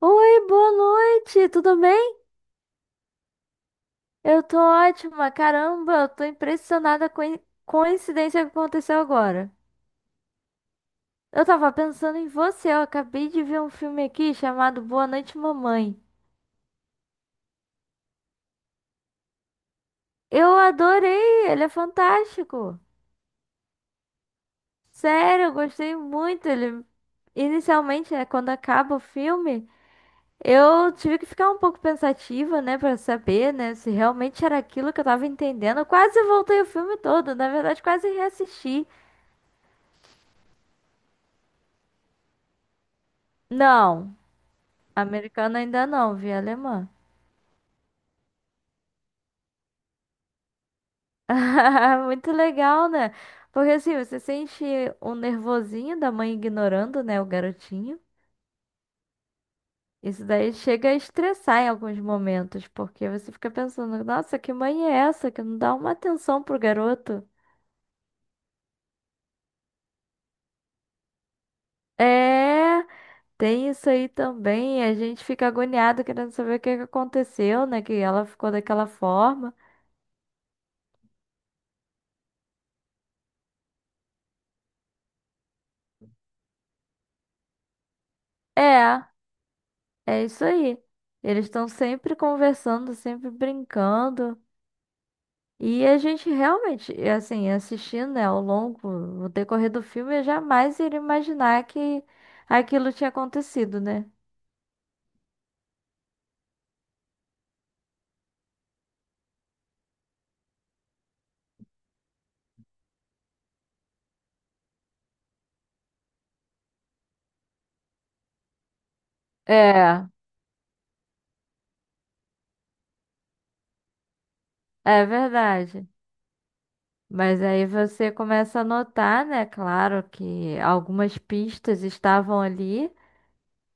Oi, boa noite, tudo bem? Eu tô ótima, caramba, eu tô impressionada com a coincidência que aconteceu agora. Eu tava pensando em você, eu acabei de ver um filme aqui chamado Boa Noite, Mamãe. Eu adorei, ele é fantástico. Sério, eu gostei muito. Ele inicialmente, né, quando acaba o filme, eu tive que ficar um pouco pensativa, né, pra saber, né, se realmente era aquilo que eu tava entendendo. Eu quase voltei o filme todo, na verdade, quase reassisti. Não, americana ainda não, vi alemã. Muito legal, né? Porque assim, você sente o nervosinho da mãe ignorando, né, o garotinho. Isso daí chega a estressar em alguns momentos, porque você fica pensando, nossa, que mãe é essa que não dá uma atenção pro garoto? É, tem isso aí também. A gente fica agoniado querendo saber o que que aconteceu, né? Que ela ficou daquela forma. É. É isso aí. Eles estão sempre conversando, sempre brincando. E a gente realmente, e assim, assistindo, né, ao longo, no decorrer do filme, eu jamais iria imaginar que aquilo tinha acontecido, né? É, é verdade. Mas aí você começa a notar, né? Claro que algumas pistas estavam ali,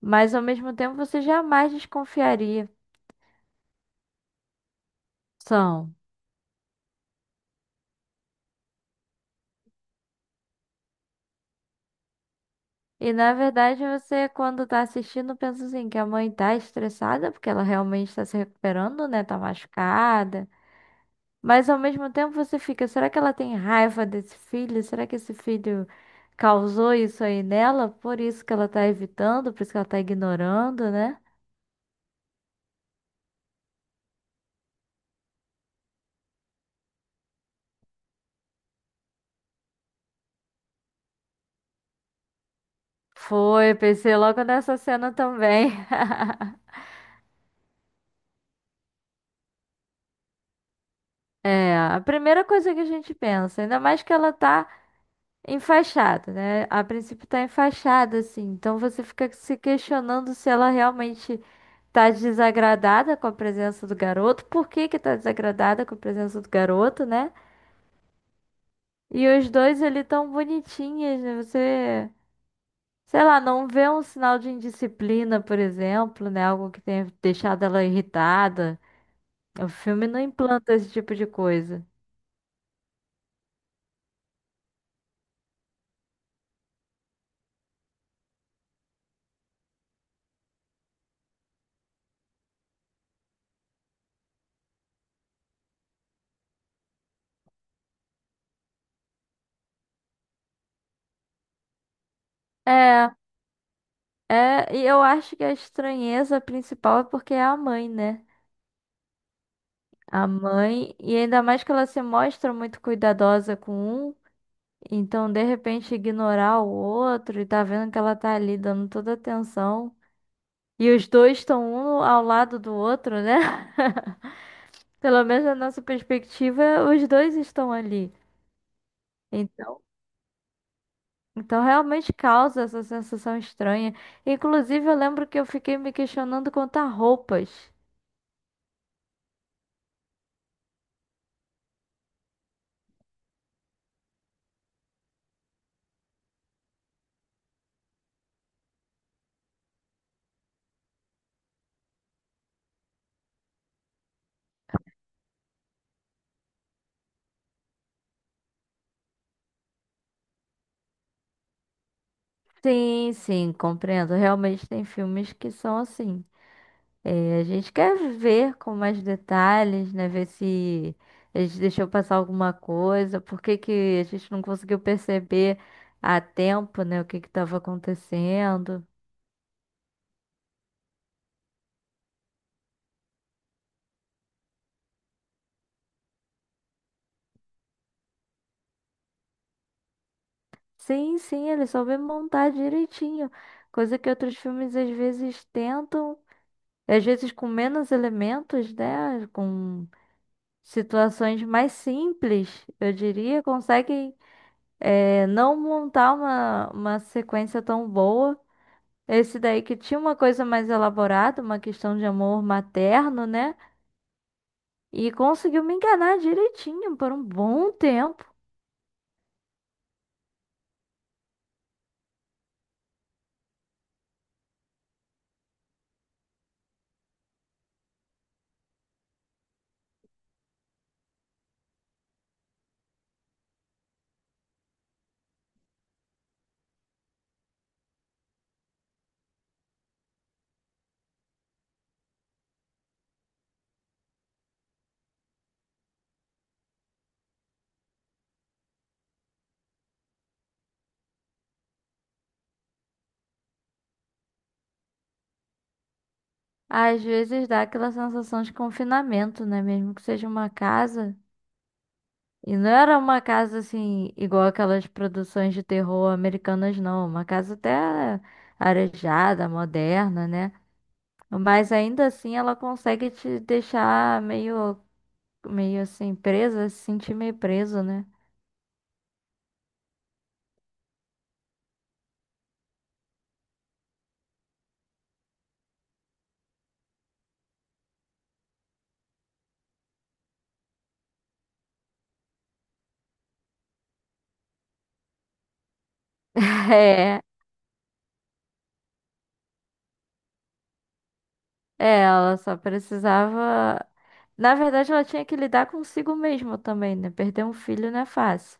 mas ao mesmo tempo você jamais desconfiaria. São. E na verdade você, quando tá assistindo, pensa assim, que a mãe tá estressada, porque ela realmente tá se recuperando, né? Tá machucada. Mas ao mesmo tempo você fica, será que ela tem raiva desse filho? Será que esse filho causou isso aí nela? Por isso que ela tá evitando, por isso que ela tá ignorando, né? Foi, pensei logo nessa cena também. É, a primeira coisa que a gente pensa, ainda mais que ela tá enfaixada, né? A princípio tá enfaixada, assim. Então você fica se questionando se ela realmente tá desagradada com a presença do garoto. Por que que tá desagradada com a presença do garoto, né? E os dois ali tão bonitinhos, né? Você, sei lá, não vê um sinal de indisciplina, por exemplo, né? Algo que tenha deixado ela irritada. O filme não implanta esse tipo de coisa. É, é, e eu acho que a estranheza principal é porque é a mãe, né? A mãe, e ainda mais que ela se mostra muito cuidadosa com um, então de repente ignorar o outro e tá vendo que ela tá ali dando toda atenção. E os dois estão um ao lado do outro, né? Pelo menos na nossa perspectiva, os dois estão ali. Então, então realmente causa essa sensação estranha. Inclusive, eu lembro que eu fiquei me questionando quanto a roupas. Sim, sim, compreendo. Realmente tem filmes que são assim. É, a gente quer ver com mais detalhes, né? Ver se a gente deixou passar alguma coisa, por que que a gente não conseguiu perceber a tempo, né? O que que estava acontecendo. Sim, sim, ele soube montar direitinho, coisa que outros filmes às vezes tentam, às vezes com menos elementos, né? Com situações mais simples, eu diria, conseguem, é, não montar uma sequência tão boa. Esse daí que tinha uma coisa mais elaborada, uma questão de amor materno, né? E conseguiu me enganar direitinho por um bom tempo. Às vezes dá aquela sensação de confinamento, né? Mesmo que seja uma casa. E não era uma casa assim, igual aquelas produções de terror americanas, não. Uma casa até arejada, moderna, né? Mas ainda assim ela consegue te deixar meio, meio assim, presa, se sentir meio preso, né? É. É, ela só precisava. Na verdade, ela tinha que lidar consigo mesma também, né? Perder um filho não é fácil.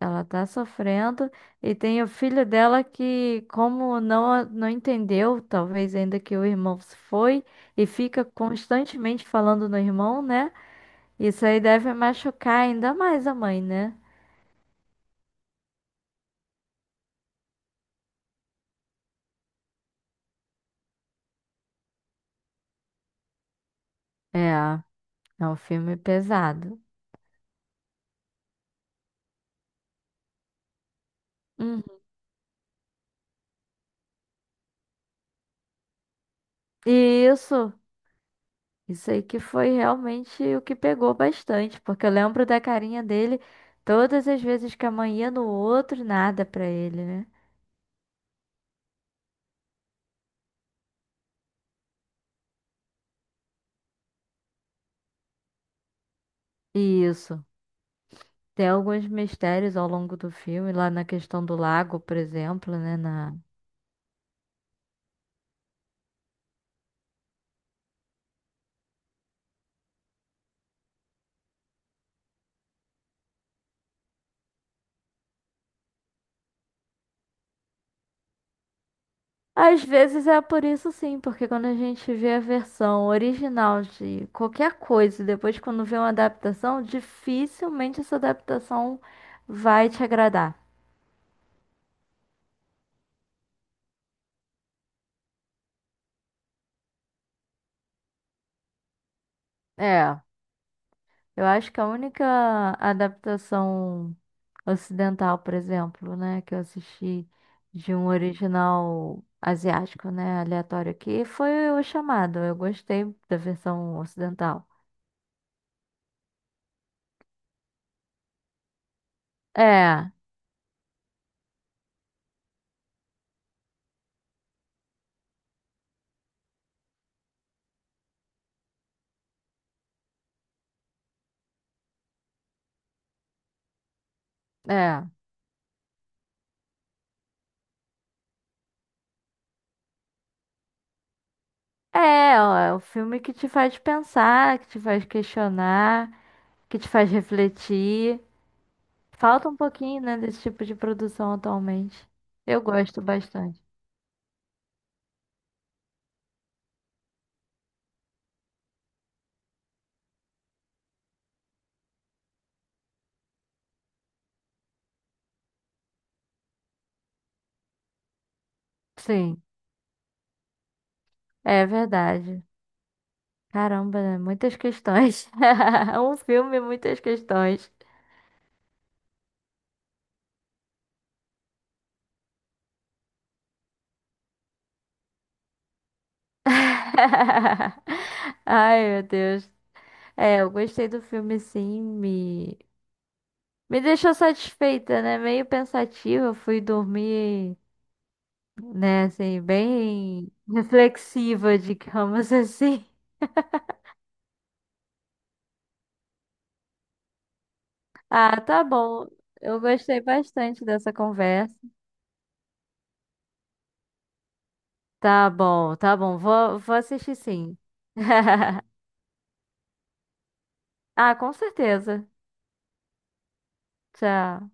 Ela tá sofrendo e tem o filho dela que, como não entendeu, talvez ainda que o irmão se foi e fica constantemente falando no irmão, né? Isso aí deve machucar ainda mais a mãe, né? É, é um filme pesado. Uhum. E isso. Isso aí que foi realmente o que pegou bastante, porque eu lembro da carinha dele todas as vezes que a mãe ia no outro, nada pra ele, né? E isso. Tem alguns mistérios ao longo do filme, lá na questão do lago, por exemplo, né? Na... Às vezes é por isso sim, porque quando a gente vê a versão original de qualquer coisa, e depois quando vê uma adaptação, dificilmente essa adaptação vai te agradar. É. Eu acho que a única adaptação ocidental, por exemplo, né, que eu assisti de um original asiático, né, aleatório aqui, foi o Chamado. Eu gostei da versão ocidental. É, é. É, ó, é o filme que te faz pensar, que te faz questionar, que te faz refletir. Falta um pouquinho, né, desse tipo de produção atualmente. Eu gosto bastante. Sim, é verdade. Caramba, né? Muitas questões. Um filme, muitas questões. Ai, meu Deus. É, eu gostei do filme, sim. Me deixou satisfeita, né? Meio pensativa. Eu fui dormir, né? Assim, bem reflexiva, digamos assim. Ah, tá bom. Eu gostei bastante dessa conversa. Tá bom, tá bom. Vou assistir, sim. Ah, com certeza. Tchau.